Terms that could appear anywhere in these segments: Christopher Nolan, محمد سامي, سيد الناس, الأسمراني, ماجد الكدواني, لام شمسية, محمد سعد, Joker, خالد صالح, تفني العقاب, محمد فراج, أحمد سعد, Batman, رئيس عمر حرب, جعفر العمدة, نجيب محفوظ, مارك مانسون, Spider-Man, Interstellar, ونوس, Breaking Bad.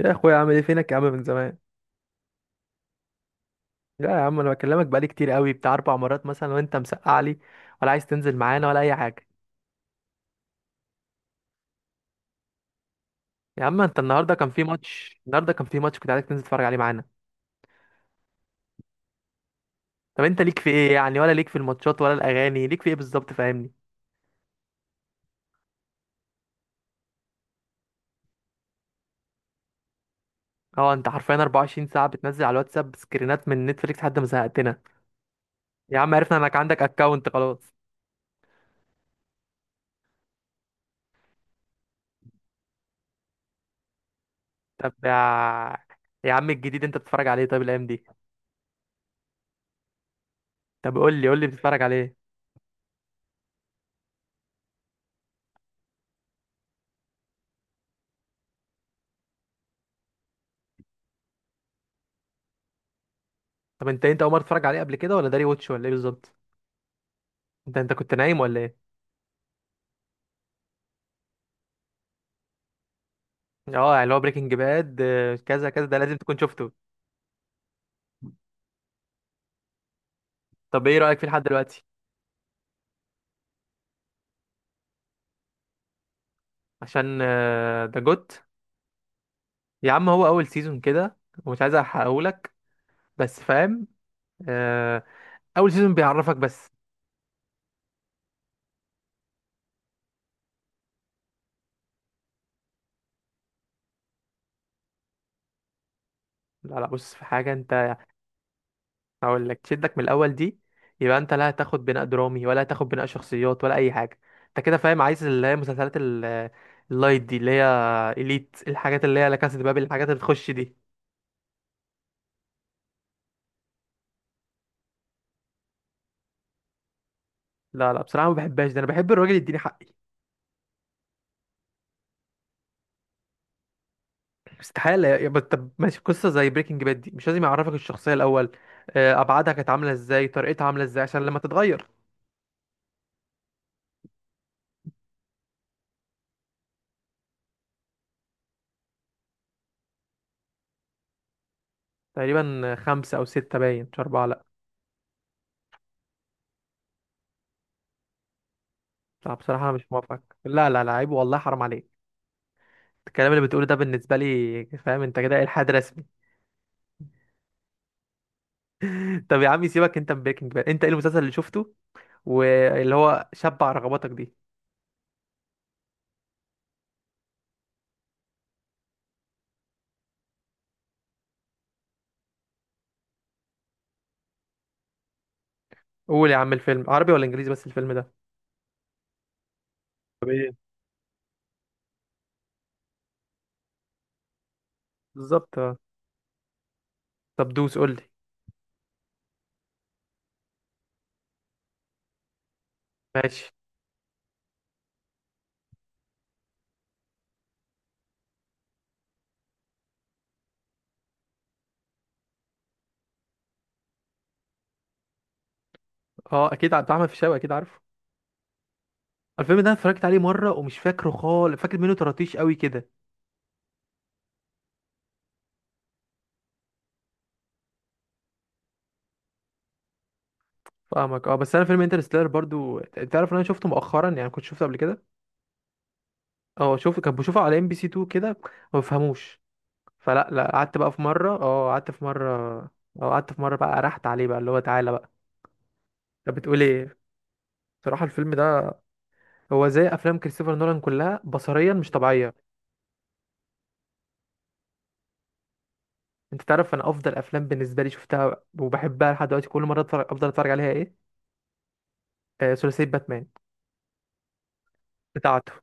يا اخويا، عامل ايه؟ فينك يا عم من زمان. لا يا عم، انا بكلمك بقالي كتير قوي، بتاع 4 مرات مثلا، وانت مسقع لي ولا عايز تنزل معانا ولا اي حاجه. يا عم انت، النهارده كان في ماتش، كنت عايزك تنزل تتفرج عليه معانا. طب انت ليك في ايه يعني؟ ولا ليك في الماتشات ولا الاغاني؟ ليك في ايه بالظبط؟ فاهمني. اه، انت حرفيا 24 ساعه بتنزل على الواتساب سكرينات من نتفليكس لحد ما زهقتنا. يا عم عرفنا انك عندك اكونت خلاص. طب يا عم، الجديد انت بتتفرج عليه طيب الايام دي؟ طب قول لي بتتفرج عليه. طب انت اول مره تتفرج عليه قبل كده، ولا داري واتش ولا ايه بالظبط؟ انت كنت نايم ولا ايه؟ اه يعني اللي هو بريكنج باد، كذا كذا ده لازم تكون شفته. طب ايه رأيك فيه لحد دلوقتي؟ عشان ده جوت. يا عم هو اول سيزون كده، ومش عايز احرقهولك، بس فاهم. آه، اول سيزون بيعرفك بس. لا لا بص، في حاجة انت. هقول لك تشدك من الاول دي يبقى انت لا هتاخد بناء درامي ولا هتاخد بناء شخصيات ولا اي حاجة. انت كده فاهم، عايز اللي هي مسلسلات اللايت دي، اللي هي اليت، الحاجات اللي هي لا كاسا دي بابل، الحاجات اللي تخش دي. لا لا بصراحة ما بحبهاش، ده انا بحب الراجل يديني حقي. استحالة بس طب ماشي، قصة زي بريكنج باد دي مش لازم يعرفك الشخصية الأول، أبعادها كانت عاملة إزاي، طريقتها عاملة إزاي، عشان لما تتغير. تقريبا خمسة أو ستة باين، مش أربعة لأ. لا، بصراحة أنا مش موافق، لا لا لا، عيب والله، حرام عليك. الكلام اللي بتقوله ده بالنسبة لي، فاهم أنت؟ كده إلحاد رسمي. طب يا عم، سيبك أنت من بريكنج باد، أنت إيه المسلسل اللي شفته واللي هو شبع رغباتك دي؟ قول يا عم، الفيلم عربي ولا إنجليزي بس الفيلم ده؟ طب ايه بالظبط؟ طب دوس قول لي. ماشي. أه، أكيد عبد الرحمن الفيشاوي، أكيد عارفه. الفيلم ده أنا اتفرجت عليه مره ومش فاكره خالص، فاكر منه طراطيش قوي كده. فاهمك، اه، بس انا فيلم انترستيلر برضو، تعرف ان انا شفته مؤخرا، يعني كنت شفته قبل كده. اه شوف، كنت بشوفه على ام بي سي 2 كده، ما بفهموش. فلا لا، قعدت بقى في مره، اه قعدت في مره. اه قعدت في مره بقى، رحت عليه بقى اللي هو تعالى بقى. طب بتقول ايه؟ بصراحه الفيلم ده هو زي افلام كريستوفر نولان كلها، بصريا مش طبيعيه. انت تعرف، انا افضل افلام بالنسبه لي شفتها وبحبها لحد دلوقتي كل مره افضل اتفرج عليها ايه؟ ثلاثيه باتمان بتاعته.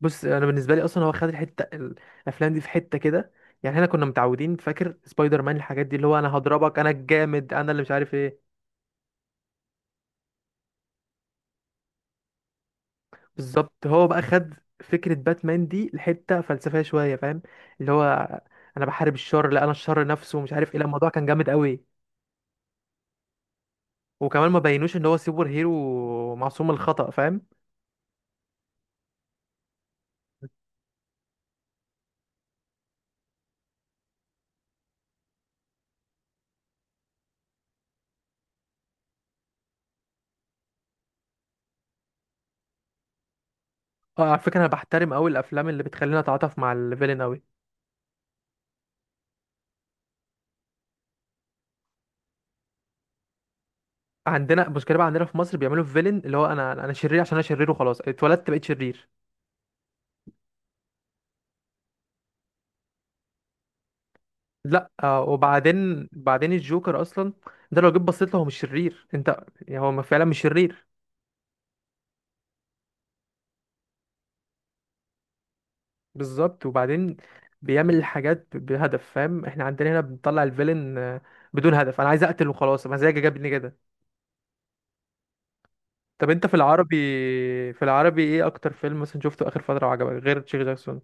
بص، انا بالنسبه لي اصلا هو خد الحته، الافلام دي في حته كده، يعني احنا كنا متعودين، فاكر سبايدر مان الحاجات دي اللي هو انا هضربك انا الجامد انا اللي مش عارف ايه. بالظبط، هو بقى خد فكره باتمان دي لحته فلسفيه شويه، فاهم؟ اللي هو انا بحارب الشر، لا انا الشر نفسه ومش عارف ايه، لا الموضوع كان جامد قوي. وكمان ما بينوش ان هو سوبر هيرو معصوم الخطأ، فاهم؟ اه على فكره، انا بحترم قوي الافلام اللي بتخلينا نتعاطف مع الفيلن قوي. عندنا مشكله بقى، عندنا في مصر بيعملوا الفيلن اللي هو انا شرير عشان انا شرير وخلاص، اتولدت بقيت شرير. لا وبعدين الجوكر اصلا، ده لو جيت بصيت له هو مش شرير انت، يعني هو ما فعلا مش شرير. بالظبط، وبعدين بيعمل الحاجات بهدف، فاهم؟ احنا عندنا هنا بنطلع الفيلن بدون هدف، انا عايز اقتل وخلاص، مزاجي جابني كده. طب انت في العربي، في العربي ايه اكتر فيلم مثلا شفته اخر فتره وعجبك غير تشيك جاكسون؟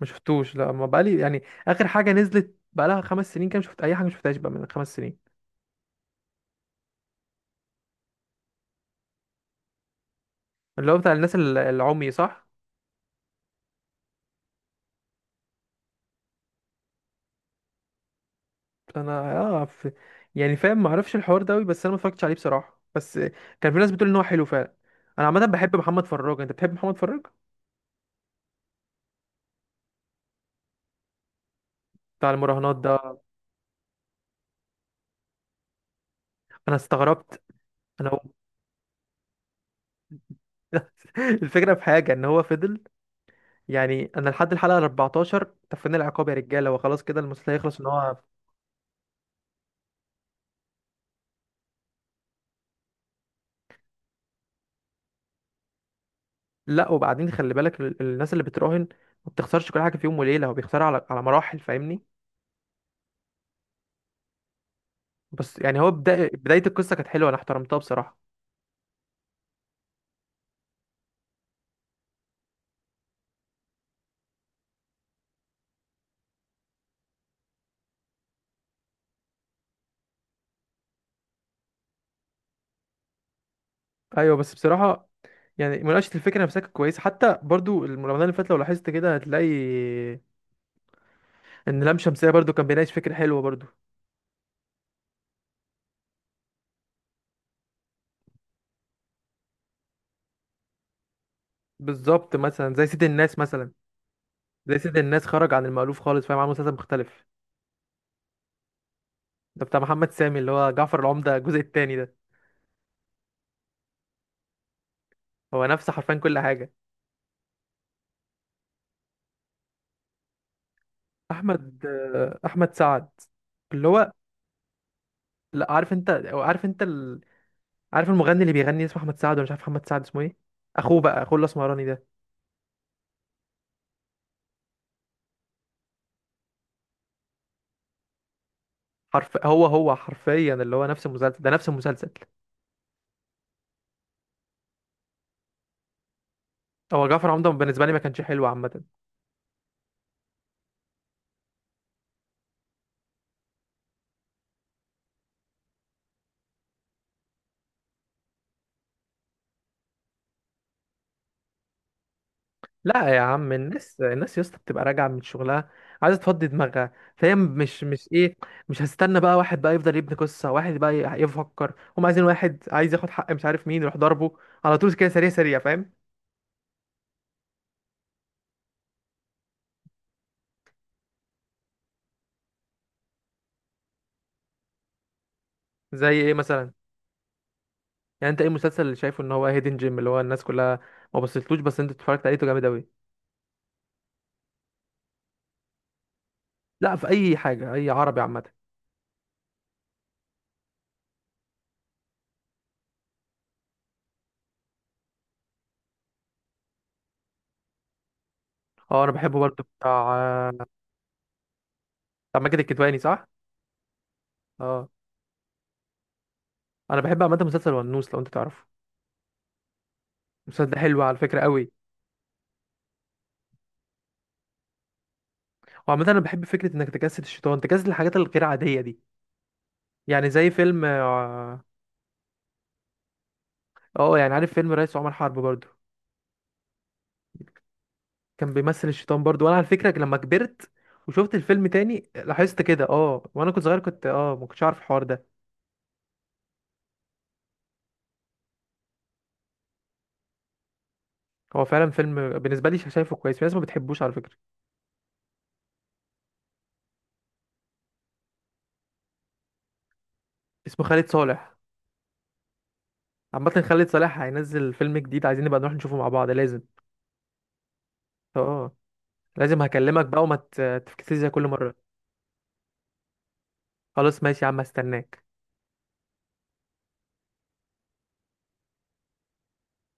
ما شفتوش، لا ما بقالي يعني. اخر حاجه نزلت بقالها 5 سنين كام، شفت اي حاجه؟ ما شفتهاش بقى من 5 سنين. اللي هو بتاع الناس العمي صح؟ انا يعني فاهم، ما اعرفش الحوار ده قوي، بس انا ما اتفرجتش عليه بصراحه، بس كان في ناس بتقول ان هو حلو فعلا. انا عامه بحب محمد فراج، انت بتحب محمد فراج؟ بتاع المراهنات ده؟ انا استغربت. انا الفكره في حاجه، ان هو فضل، يعني انا لحد الحلقه 14 تفني العقاب يا رجاله، وخلاص كده المسلسل هيخلص ان هو. لا، وبعدين خلي بالك الناس اللي بتراهن ما بتخسرش كل حاجه في يوم وليله، هو بيخسرها على مراحل، فاهمني؟ بس يعني هو بدايه القصه كانت حلوه، انا احترمتها بصراحه. ايوه بس بصراحه، يعني مناقشة الفكرة نفسها كانت كويسة، حتى برضو رمضان اللي فات لو لاحظت كده هتلاقي إن لام شمسية برضو كان بيناقش فكرة حلوة برضو. بالظبط، مثلا زي سيد الناس مثلا. زي سيد الناس خرج عن المألوف خالص، فاهم؟ عمل مسلسل مختلف. ده بتاع محمد سامي، اللي هو جعفر العمدة الجزء التاني ده. هو نفس حرفيا كل حاجة. أحمد سعد. اللي هو، لا عارف أنت، أو عارف أنت عارف المغني اللي بيغني اسمه أحمد سعد، ولا مش عارف، محمد سعد اسمه إيه؟ أخوه بقى، أخوه الأسمراني ده. حرف هو هو حرفيا اللي هو نفس المسلسل ده، نفس المسلسل. هو جعفر عمده بالنسبه لي ما كانش حلو عامه. لا يا عم، الناس يا اسطى بتبقى راجعه من شغلها، عايزه تفضي دماغها، فهي مش ايه. مش هستنى بقى واحد بقى يفضل يبني قصه، واحد بقى يفكر، هم عايزين واحد عايز ياخد حق مش عارف مين يروح ضربه على طول كده، سريع سريع، فاهم؟ زي ايه مثلا؟ يعني انت ايه المسلسل اللي شايفه ان هو هيدن جيم، اللي هو الناس كلها ما بصيتلوش بس انت اتفرجت عليه ده جامد قوي. لا في اي حاجه، اي عربي عامه. اه انا بحبه برضه، بتاع ماجد الكدواني صح؟ اه انا بحب عامه مسلسل ونوس، لو انت تعرفه. المسلسل ده حلو على فكرة قوي. وعامة انا بحب فكرة انك تجسد الشيطان، تجسد الحاجات الغير عادية دي. يعني زي فيلم يعني عارف فيلم رئيس عمر حرب برضو؟ كان بيمثل الشيطان برضو، وانا على فكرة لما كبرت وشفت الفيلم تاني لاحظت كده، وانا كنت صغير كنت ما كنتش عارف الحوار ده. هو فعلا فيلم بالنسبة لي شايفه كويس، في ناس ما بتحبوش على فكرة. اسمه خالد صالح. عامة خالد صالح هينزل فيلم جديد، عايزين نبقى نروح نشوفه مع بعض لازم. اه لازم هكلمك بقى، وما تفكسيش زي كل مرة. خلاص ماشي يا عم، هستناك.